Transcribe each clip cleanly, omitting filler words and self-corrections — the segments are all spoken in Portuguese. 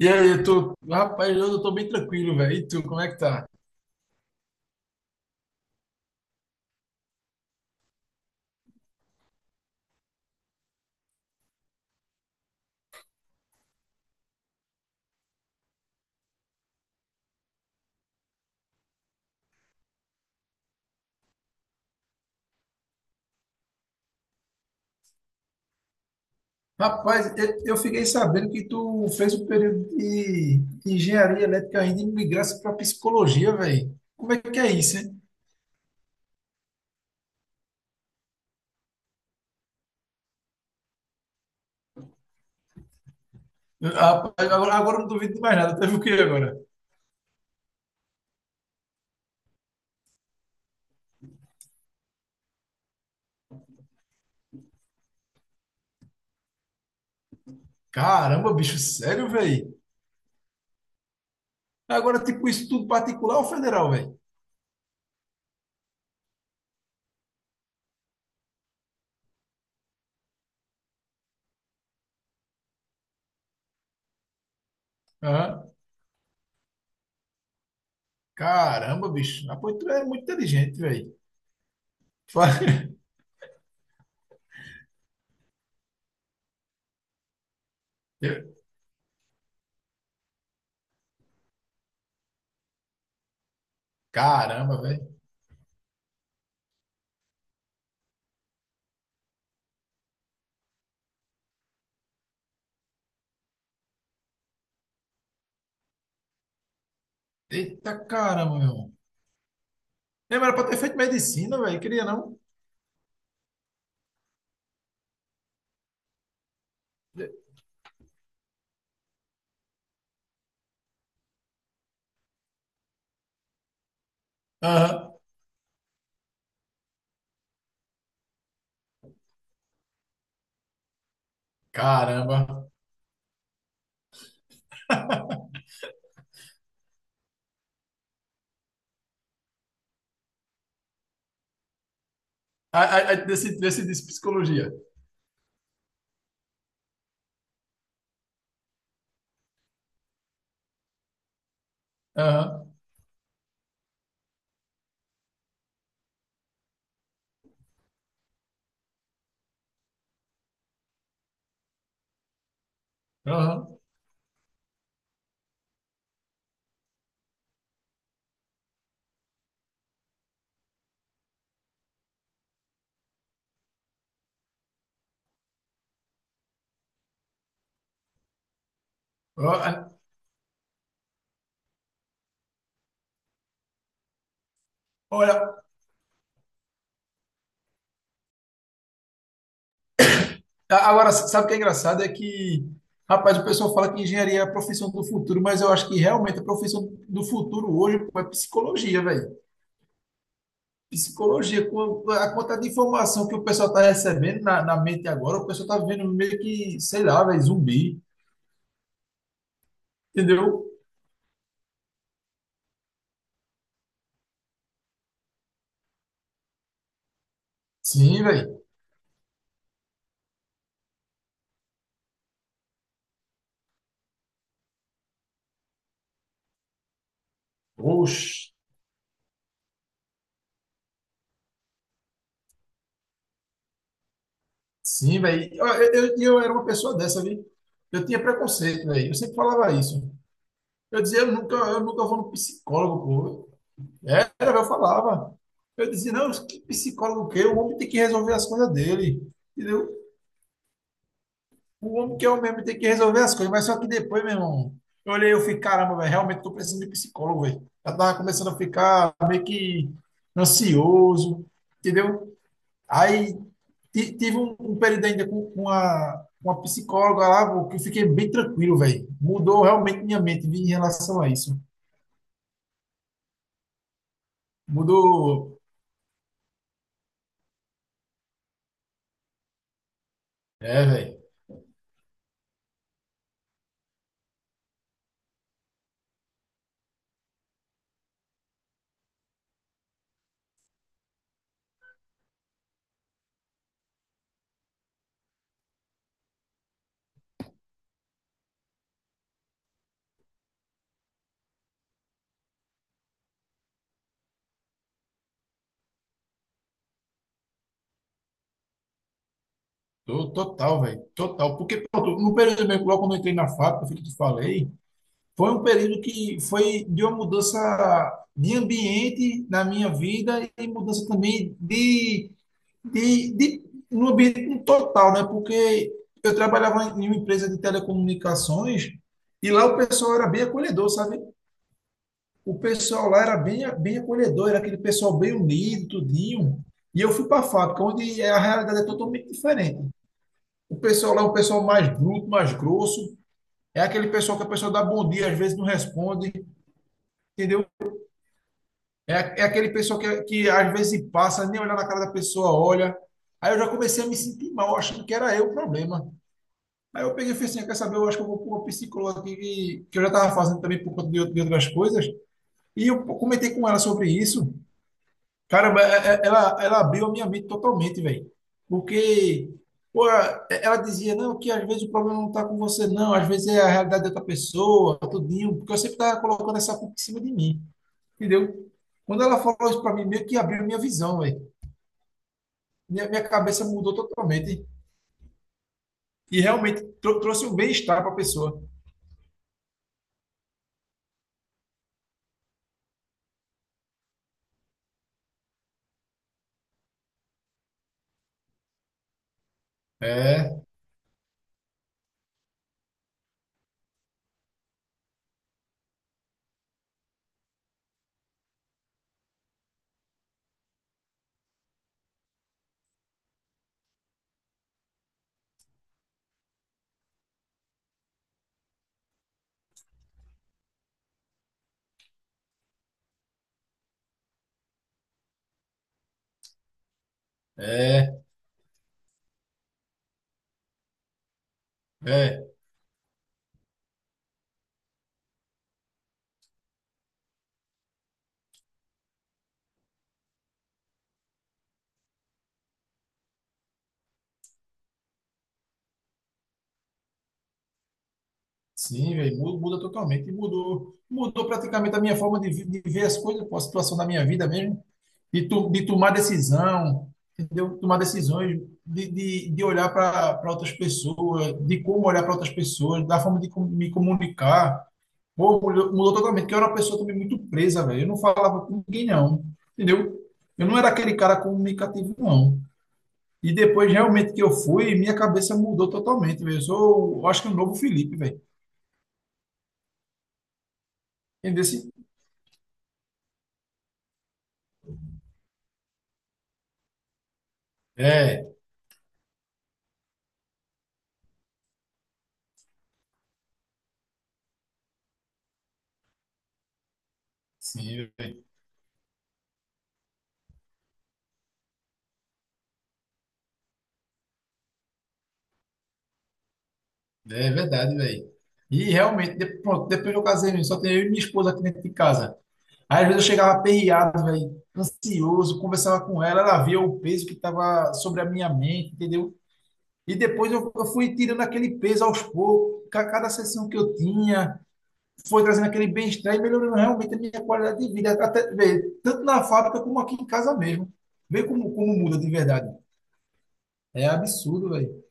E aí, rapaz, eu tô bem tranquilo, velho. E tu, como é que tá? Rapaz, eu fiquei sabendo que tu fez um período de engenharia elétrica ainda e migrasse para psicologia, velho. Como é que é isso, hein? Rapaz, Agora, eu não duvido de mais nada. Teve o quê agora? Caramba, bicho, sério, velho? Agora, tipo, isso tudo particular ou federal, velho? Hã? Caramba, bicho. Ah, pois tu é muito inteligente, velho. Caramba, velho. Eita caramba, meu irmão. Lembra, era pra ter feito medicina, velho. Queria não? Aham. Caramba. Desse psicologia. Aham. Aham. Ó, Olha, agora, sabe o que é engraçado? É que, rapaz, o pessoal fala que engenharia é a profissão do futuro, mas eu acho que realmente a profissão do futuro hoje pô, é psicologia, velho. Psicologia, com a quantidade de informação que o pessoal está recebendo na mente agora, o pessoal está vendo meio que, sei lá, velho, zumbi. Entendeu? Sim, velho. Oxe. Sim, velho. Eu era uma pessoa dessa, viu? Eu tinha preconceito, velho. Eu sempre falava isso. Eu dizia, eu nunca vou no psicólogo, pô. Era, eu falava. Eu dizia, não, que psicólogo que? É? O homem tem que resolver as coisas dele. Entendeu? O homem que é o mesmo tem que resolver as coisas. Mas só que depois, meu irmão, eu olhei e eu fiquei, caramba, velho, realmente tô precisando de psicólogo, velho. Eu tava começando a ficar meio que ansioso, entendeu? Aí tive um período ainda com uma psicóloga lá, vô, que eu fiquei bem tranquilo, velho. Mudou realmente minha mente vi, em relação a isso. Mudou. É, velho. Total, velho. Total. Porque, pronto, no período mesmo, logo quando eu entrei na fábrica, foi o que eu te falei, foi um período que foi de uma mudança de ambiente na minha vida e mudança também de no ambiente total, né? Porque eu trabalhava em uma empresa de telecomunicações e lá o pessoal era bem acolhedor, sabe? O pessoal lá era bem, bem acolhedor, era aquele pessoal bem unido, tudinho. E eu fui para a fábrica, onde é, a realidade é totalmente diferente. O pessoal lá é um pessoal mais bruto, mais grosso. É aquele pessoal que a pessoa dá bom dia, às vezes não responde, entendeu? É aquele pessoal que às vezes passa, nem olhar na cara da pessoa, olha. Aí eu já comecei a me sentir mal, achando que era eu o problema. Aí eu peguei e falei assim, "Ah, quer saber, eu acho que eu vou pôr uma psicóloga aqui, que eu já estava fazendo também por conta de outras coisas, e eu comentei com ela sobre isso. Caramba, ela abriu a minha mente totalmente, velho. Porque, pô, ela dizia, não, que às vezes o problema não está com você, não, às vezes é a realidade de outra pessoa, tudinho, porque eu sempre estava colocando essa culpa em cima de mim, entendeu? Quando ela falou isso para mim, meio que abriu minha visão, velho. Minha cabeça mudou totalmente. E realmente trouxe um bem-estar para a pessoa. É, é. É. Sim, velho, muda totalmente. E Mudou, mudou praticamente a minha forma de ver as coisas, pô, a situação da minha vida mesmo, de tomar decisão, entendeu? Tomar decisões, de olhar para outras pessoas, de como olhar para outras pessoas, da forma de me comunicar. Pô, mudou, mudou totalmente, porque eu era uma pessoa também muito presa, velho. Eu não falava com ninguém, não, entendeu? Eu não era aquele cara comunicativo, não. E depois, realmente, que eu fui, minha cabeça mudou totalmente, velho. Eu sou, eu acho que um novo Felipe, velho. Entendeu? É, sim, véi. É verdade, velho. E realmente, pronto, depois que eu casei, véi, só tenho eu e minha esposa aqui dentro de casa. Aí, às vezes eu chegava aperreado, velho, ansioso, conversava com ela, ela via o peso que estava sobre a minha mente, entendeu? E depois eu fui tirando aquele peso aos poucos, cada sessão que eu tinha, foi trazendo aquele bem-estar e melhorando realmente a minha qualidade de vida, até, véi, tanto na fábrica como aqui em casa mesmo. Vê como, muda de verdade. É absurdo, velho.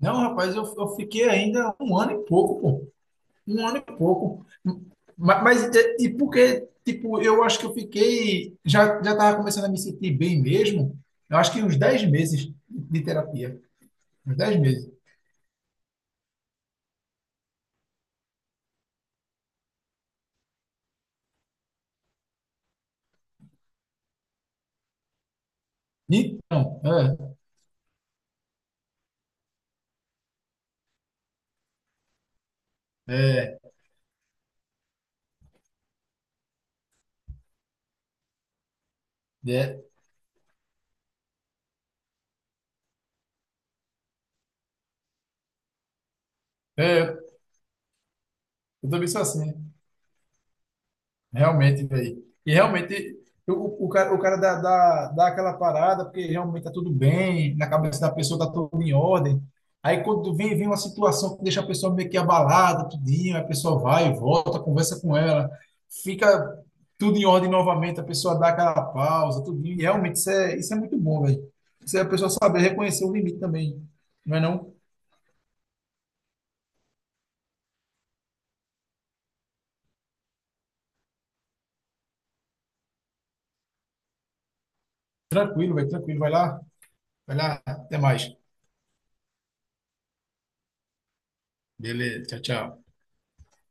Não, rapaz, eu fiquei ainda um ano e pouco, pô. Um ano e pouco. Mas, é, e porque, tipo, eu acho que eu fiquei. Já tava começando a me sentir bem mesmo. Eu acho que uns 10 meses de terapia. Uns 10 meses. Então, é, é, é, é, eu também sou assim. Realmente, velho. E realmente, o cara dá aquela parada, porque realmente tá tudo bem, na cabeça da pessoa tá tudo em ordem. Aí quando vem uma situação que deixa a pessoa meio que abalada, tudinho, a pessoa vai, volta, conversa com ela, fica tudo em ordem novamente, a pessoa dá aquela pausa, tudinho. E realmente isso é muito bom, velho. Isso é a pessoa saber reconhecer o limite também. Não é não? Tranquilo, velho, tranquilo. Vai lá, até mais. Beleza, tchau, tchau.